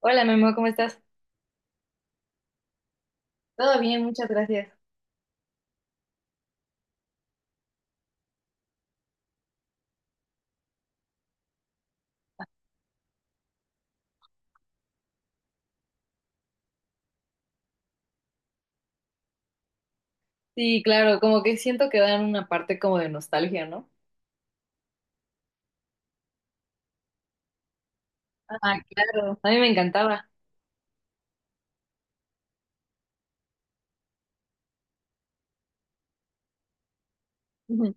Hola, Memo, ¿cómo estás? Todo bien, muchas gracias. Sí, claro, como que siento que dan una parte como de nostalgia, ¿no? Ah, claro. A mí me encantaba. Ujú.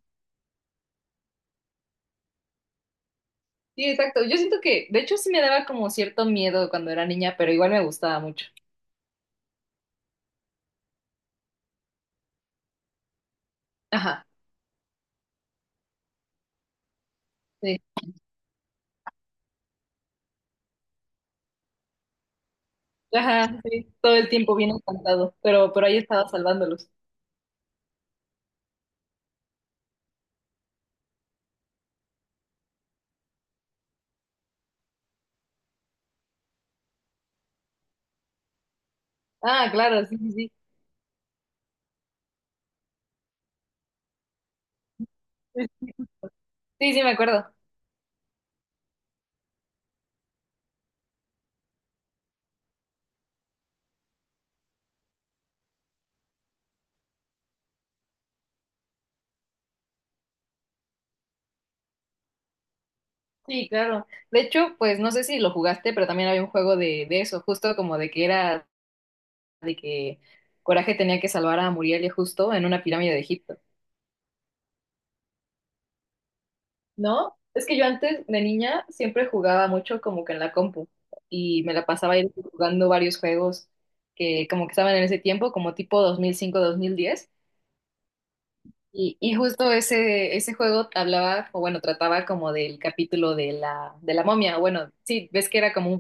Sí, exacto. Yo siento que, de hecho, sí me daba como cierto miedo cuando era niña, pero igual me gustaba mucho. Ajá, sí. Ajá, sí, todo el tiempo bien encantado, pero ahí estaba salvándolos. Ah, claro, sí, sí, sí. Sí, sí, me acuerdo. Sí, claro. De hecho, pues no sé si lo jugaste, pero también había un juego de eso, justo como de que era de que Coraje tenía que salvar a Muriel Justo en una pirámide de Egipto, ¿no? Es que yo antes de niña siempre jugaba mucho como que en la compu y me la pasaba ahí jugando varios juegos que como que estaban en ese tiempo, como tipo dos dos mil cinco mil diez. Y justo ese, ese juego hablaba, o bueno, trataba como del capítulo de la momia, o bueno, sí, ves que era como un...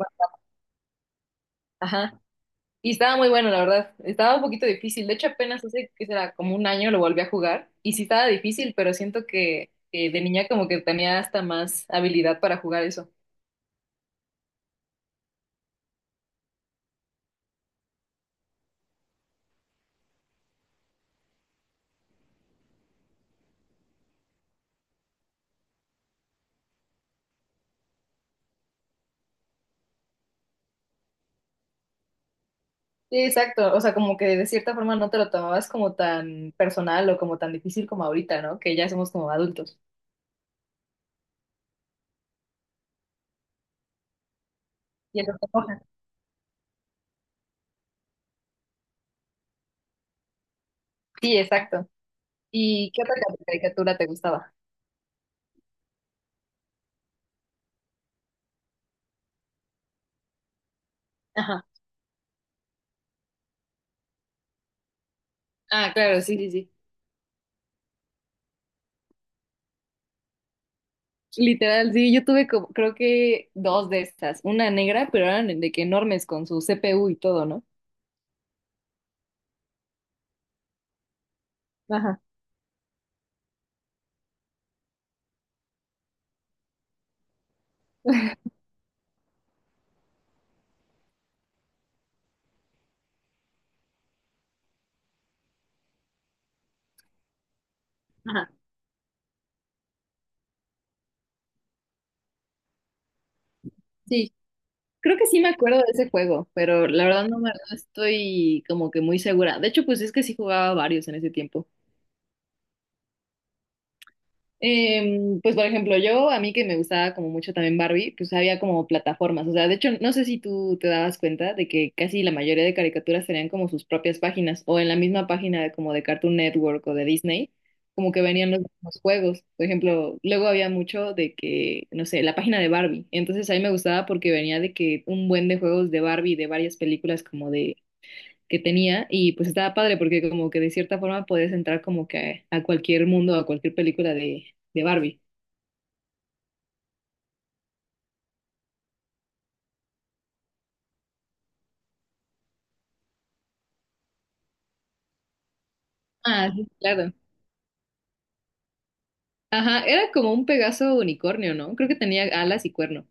Ajá. Y estaba muy bueno, la verdad. Estaba un poquito difícil. De hecho, apenas hace, ¿que será? Como un año lo volví a jugar. Y sí estaba difícil, pero siento que de niña como que tenía hasta más habilidad para jugar eso. Sí, exacto. O sea, como que de cierta forma no te lo tomabas como tan personal o como tan difícil como ahorita, ¿no? Que ya somos como adultos. Y eso te enoja. Sí, exacto. ¿Y qué otra caricatura te gustaba? Ajá. Ah, claro, sí, sí, sí. Literal, sí, yo tuve como, creo que dos de estas. Una negra, pero eran de que enormes con su CPU y todo, ¿no? Ajá. Ajá, sí, creo que sí me acuerdo de ese juego, pero la verdad no, no estoy como que muy segura. De hecho, pues es que sí jugaba varios en ese tiempo. Pues por ejemplo, yo, a mí que me gustaba como mucho también Barbie, pues había como plataformas, o sea, de hecho, no sé si tú te dabas cuenta de que casi la mayoría de caricaturas tenían como sus propias páginas o en la misma página como de Cartoon Network o de Disney, como que venían los juegos, por ejemplo, luego había mucho de que, no sé, la página de Barbie, entonces a mí me gustaba porque venía de que un buen de juegos de Barbie, de varias películas como de que tenía y pues estaba padre porque como que de cierta forma podías entrar como que a cualquier mundo, a cualquier película de Barbie. Ah, sí, claro. Ajá, era como un Pegaso unicornio, ¿no? Creo que tenía alas y cuerno.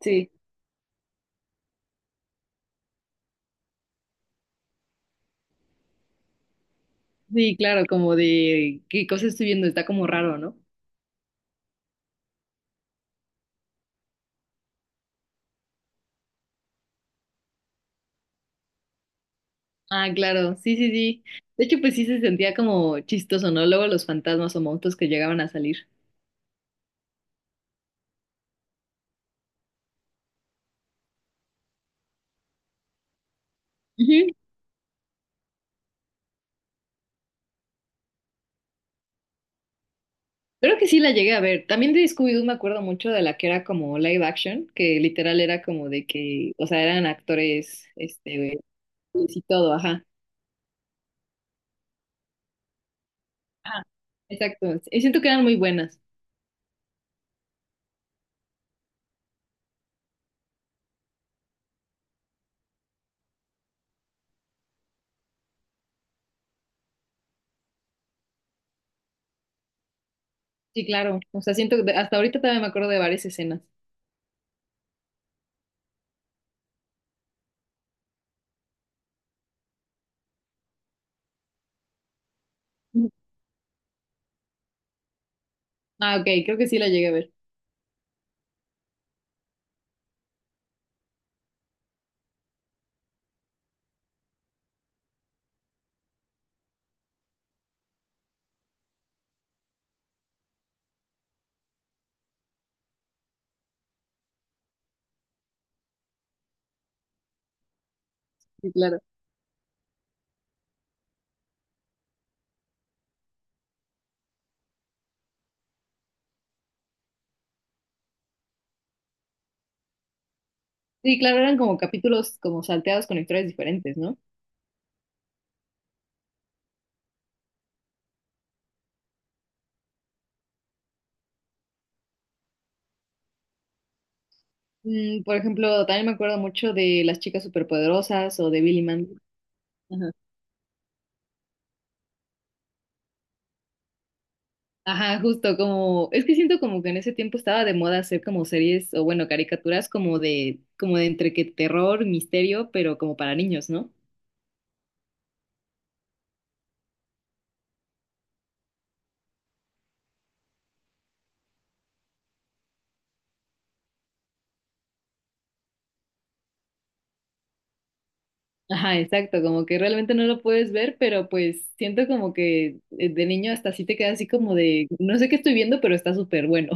Sí. Sí, claro, como de qué cosa estoy viendo, está como raro, ¿no? Ah, claro, sí, sí, sí. De hecho, pues sí se sentía como chistoso, ¿no? Luego los fantasmas o monstruos que llegaban a salir. Ujú. Creo que sí la llegué a ver. También de Scooby-Doo me acuerdo mucho de la que era como live action, que literal era como de que, o sea, eran actores, este, y todo, ajá. Ajá. Exacto. Y siento que eran muy buenas. Sí, claro. O sea, siento que hasta ahorita todavía me acuerdo de varias escenas. Ujú. Ah, ok, creo que sí la llegué a ver. Sí, claro. Sí, claro, eran como capítulos como salteados con historias diferentes, ¿no? Mm, por ejemplo, también me acuerdo mucho de Las Chicas Superpoderosas o de Billy Mandy. Ajá, justo como, es que siento como que en ese tiempo estaba de moda hacer como series o bueno, caricaturas como de entre que terror, misterio, pero como para niños, ¿no? Ajá, exacto, como que realmente no lo puedes ver, pero pues siento como que de niño hasta así te queda así como de, no sé qué estoy viendo, pero está súper bueno.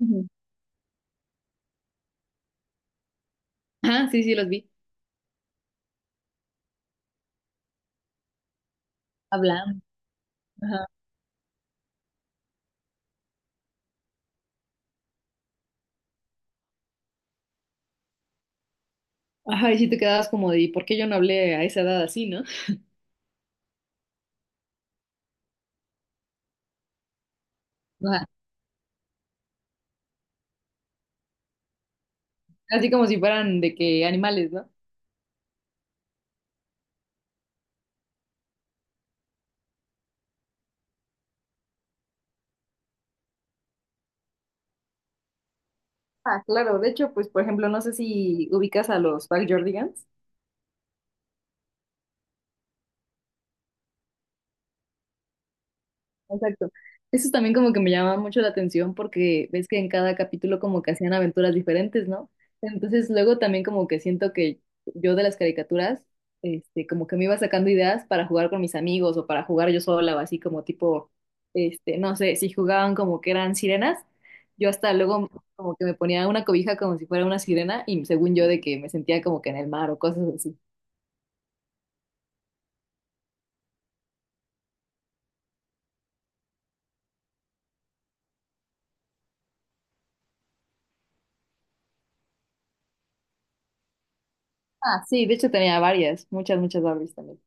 Ujú. Ajá, sí, sí, los vi. Hablando. Ajá. Ajá, y sí te quedabas como de, ¿y por qué yo no hablé a esa edad así, no? Ajá. Así como si fueran de que animales, ¿no? Ah, claro, de hecho, pues por ejemplo, no sé si ubicas a los Jordigans. Exacto. Eso también como que me llama mucho la atención porque ves que en cada capítulo como que hacían aventuras diferentes, ¿no? Entonces luego también como que siento que yo de las caricaturas, este, como que me iba sacando ideas para jugar con mis amigos o para jugar yo sola o así como tipo, este, no sé, si jugaban como que eran sirenas, yo hasta luego como que me ponía una cobija como si fuera una sirena y según yo de que me sentía como que en el mar o cosas así. Ah, sí, de hecho tenía varias, muchas Barbies también.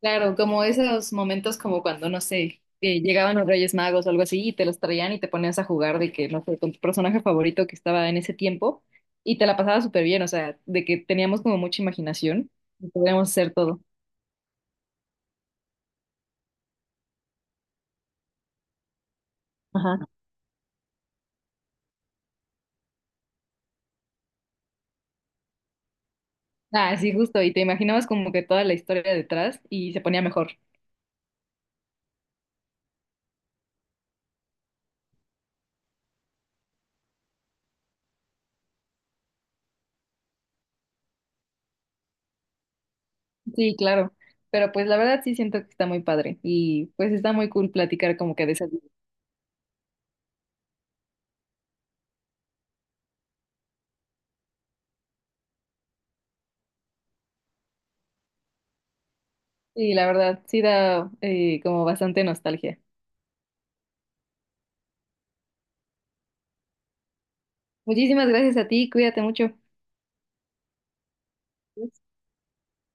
Claro, como esos momentos como cuando, no sé, que llegaban los Reyes Magos o algo así y te los traían y te ponías a jugar de que, no sé, con tu personaje favorito que estaba en ese tiempo y te la pasabas súper bien, o sea, de que teníamos como mucha imaginación y podíamos hacer todo. Ajá. Ah, sí, justo, y te imaginabas como que toda la historia detrás y se ponía mejor. Sí, claro, pero pues la verdad sí siento que está muy padre y pues está muy cool platicar como que de esas. Sí, la verdad, sí da como bastante nostalgia. Muchísimas gracias a ti, cuídate mucho.